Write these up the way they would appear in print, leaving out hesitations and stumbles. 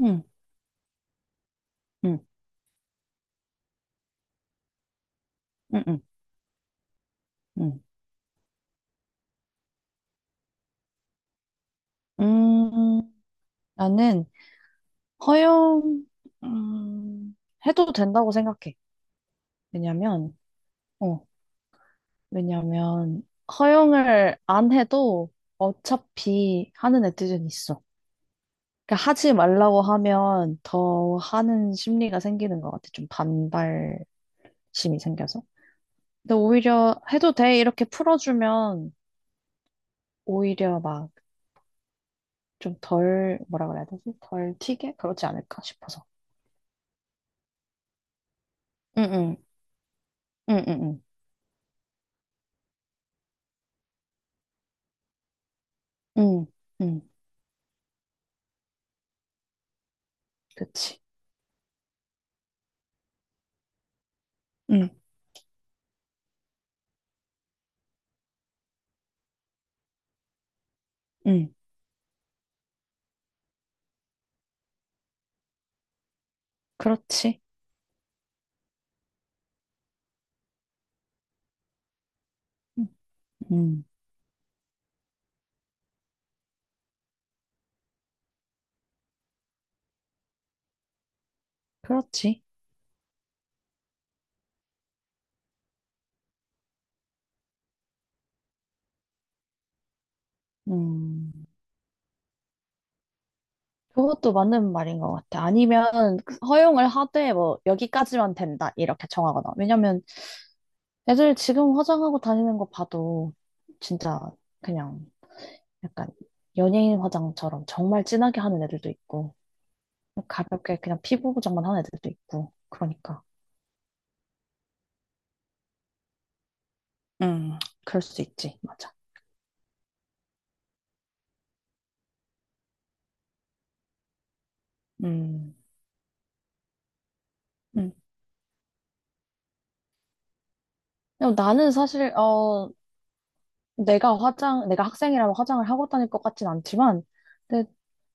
응, 응, 응, 응, 응. 음, 나는 허용, 음, 해도 된다고 생각해. 왜냐면, 어, 왜냐면, 허용을 안 해도 어차피 하는 애들은 있어. 그러니까 하지 말라고 하면 더 하는 심리가 생기는 것 같아. 좀 반발심이 생겨서. 근데 오히려 해도 돼. 이렇게 풀어주면 오히려 막 좀 덜, 뭐라 그래야 되지? 덜 튀게? 그렇지 않을까 싶어서. 응응. 응, 응, 응, 응, 응, 그치. 응, 응, 그렇지. 응, 응, 그렇지. 음, 그것도 맞는 말인 것 같아. 아니면 허용을 하되 뭐 여기까지만 된다 이렇게 정하거나. 왜냐면 애들 지금 화장하고 다니는 거 봐도 진짜 그냥 약간 연예인 화장처럼 정말 진하게 하는 애들도 있고 가볍게 그냥 피부 보정만 하는 애들도 있고 그러니까. 음, 그럴 수 있지. 맞아. 음, 음. 근데 나는 내가 내가 학생이라면 화장을 하고 다닐 것 같진 않지만, 근데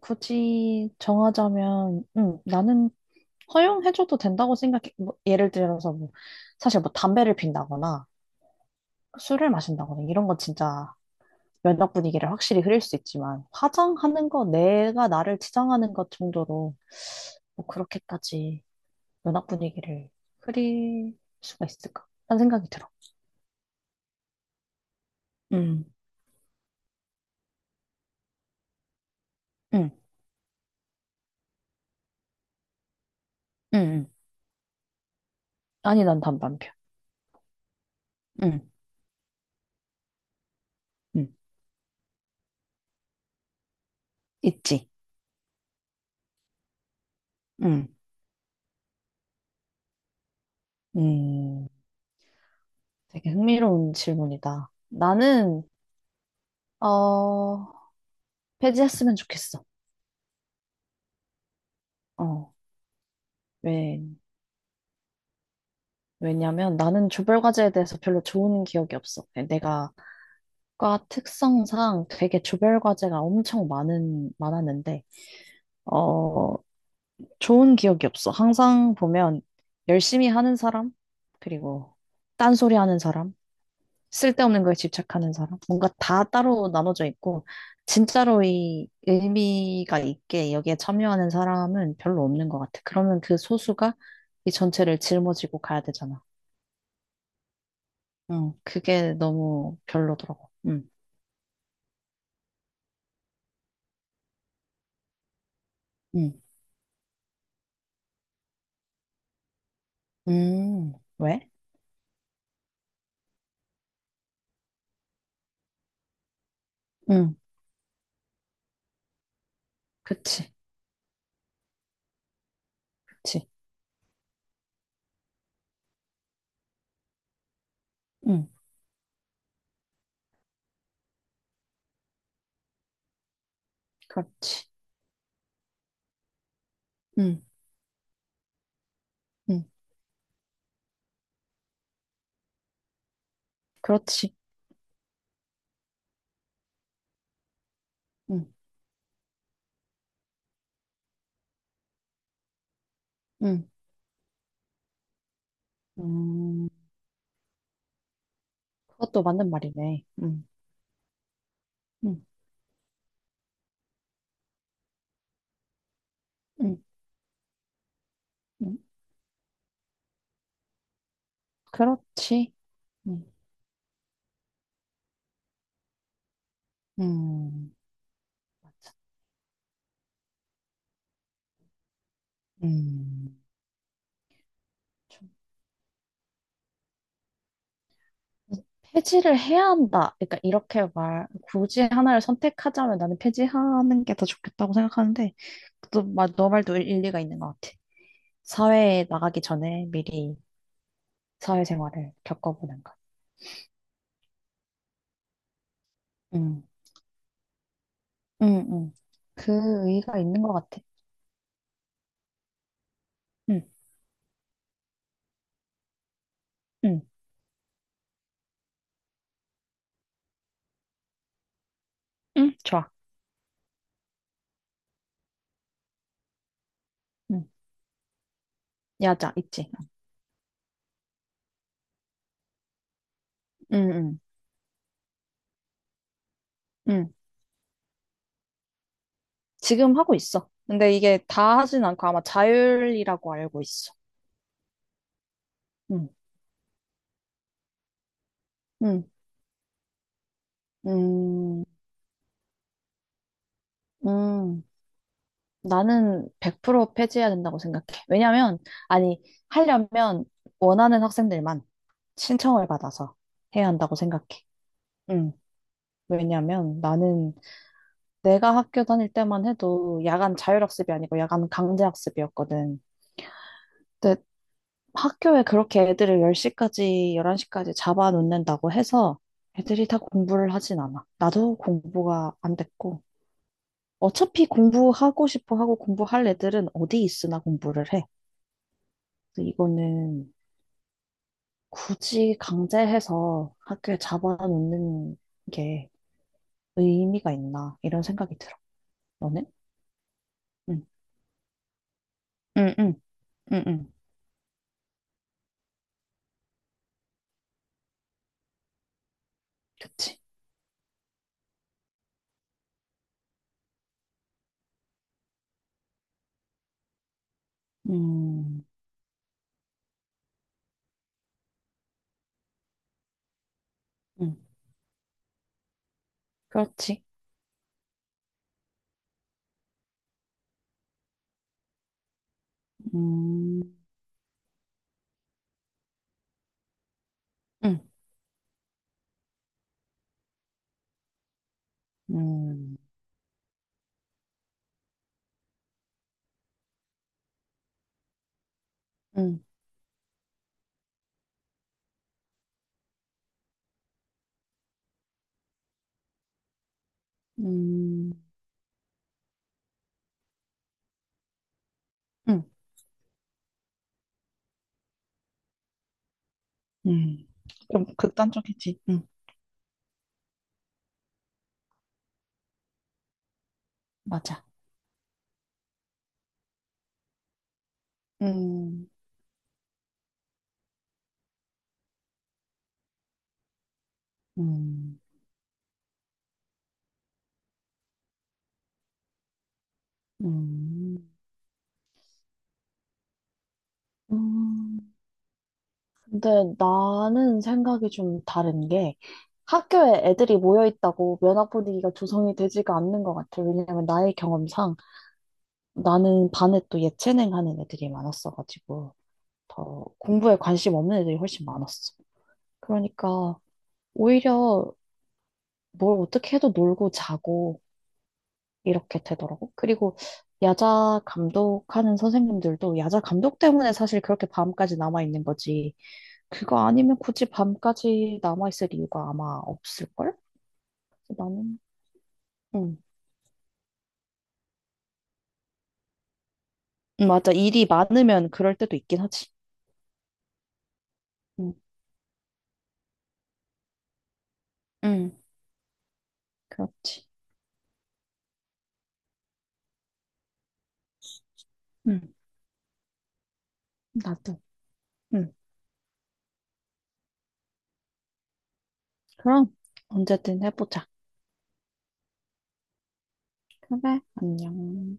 굳이 정하자면, 나는 허용해줘도 된다고 생각해. 뭐, 예를 들어서, 뭐, 사실 뭐 담배를 핀다거나 술을 마신다거나 이런 건 진짜 면역 분위기를 확실히 흐릴 수 있지만, 화장하는 거, 내가 나를 치장하는 것 정도로, 뭐, 그렇게까지 면역 분위기를 흐릴 수가 있을까? 라는 생각이 들어. 음. 응, 응, 응. 아니, 난 담배 안 피워. 응, 응. 있지. 응. 음, 되게 흥미로운 질문이다. 어, 폐지했으면 좋겠어. 어, 왜, 왜냐면 나는 조별과제에 대해서 별로 좋은 기억이 없어. 네, 내가 과 특성상 되게 조별과제가 엄청 많았는데, 어, 좋은 기억이 없어. 항상 보면 열심히 하는 사람, 그리고 딴소리 하는 사람, 쓸데없는 거에 집착하는 사람. 뭔가 다 따로 나눠져 있고, 진짜로 이 의미가 있게 여기에 참여하는 사람은 별로 없는 것 같아. 그러면 그 소수가 이 전체를 짊어지고 가야 되잖아. 응, 그게 너무 별로더라고. 응, 응, 음, 왜? 응, 그치, 그치, 응, 그렇지, 응, 응, 그렇지, 응, 응, 음, 그것도 맞는 말이네. 응, 응, 응, 응, 그렇지. 응, 음, 맞아. 음, 좀 폐지를 해야 한다. 그러니까 이렇게 굳이 하나를 선택하자면 나는 폐지하는 게 더 좋겠다고 생각하는데, 또, 너 말도 일리가 있는 것 같아. 사회에 나가기 전에 미리 사회생활을 겪어보는 것. 음, 음, 음. 그 의의가 있는 것 같아. 음, 음, 좋아. 음, 야자, 있지. 음, 음, 음. 지금 하고 있어. 근데 이게 다 하진 않고 아마 자율이라고 알고 있어. 음, 음, 음. 음, 나는 100% 폐지해야 된다고 생각해. 왜냐면, 아니, 하려면 원하는 학생들만 신청을 받아서 해야 한다고 생각해. 음, 왜냐면 나는 내가 학교 다닐 때만 해도 야간 자율학습이 아니고 야간 강제학습이었거든. 근데 학교에 그렇게 애들을 10시까지, 11시까지 잡아놓는다고 해서 애들이 다 공부를 하진 않아. 나도 공부가 안 됐고. 어차피 공부하고 싶어 하고 공부할 애들은 어디 있으나 공부를 해. 그래서 이거는 굳이 강제해서 학교에 잡아놓는 게 의미가 있나 이런 생각이 들어. 너는? 응, 응, 응, 응, 응. 그치. 음, 응, 그렇지. 음, 응, 음, 응, 음, 응, 응. 좀 극단적이지. 응. 맞아. 음, 음, 음, 음. 근데 나는 생각이 좀 다른 게 학교에 애들이 모여 있다고 면학 분위기가 조성이 되지가 않는 것 같아요. 왜냐면 나의 경험상 나는 반에 또 예체능 하는 애들이 많았어가지고 더 공부에 관심 없는 애들이 훨씬 많았어. 그러니까 오히려 뭘 어떻게 해도 놀고 자고 이렇게 되더라고. 그리고 야자 감독하는 선생님들도 야자 감독 때문에 사실 그렇게 밤까지 남아 있는 거지. 그거 아니면 굳이 밤까지 남아 있을 이유가 아마 없을걸? 그래서 나는 응. 맞아. 일이 많으면 그럴 때도 있긴 하지. 응, 응, 그렇지. 응, 나도. 응, 그럼 언제든 해보자. 그래, 안녕.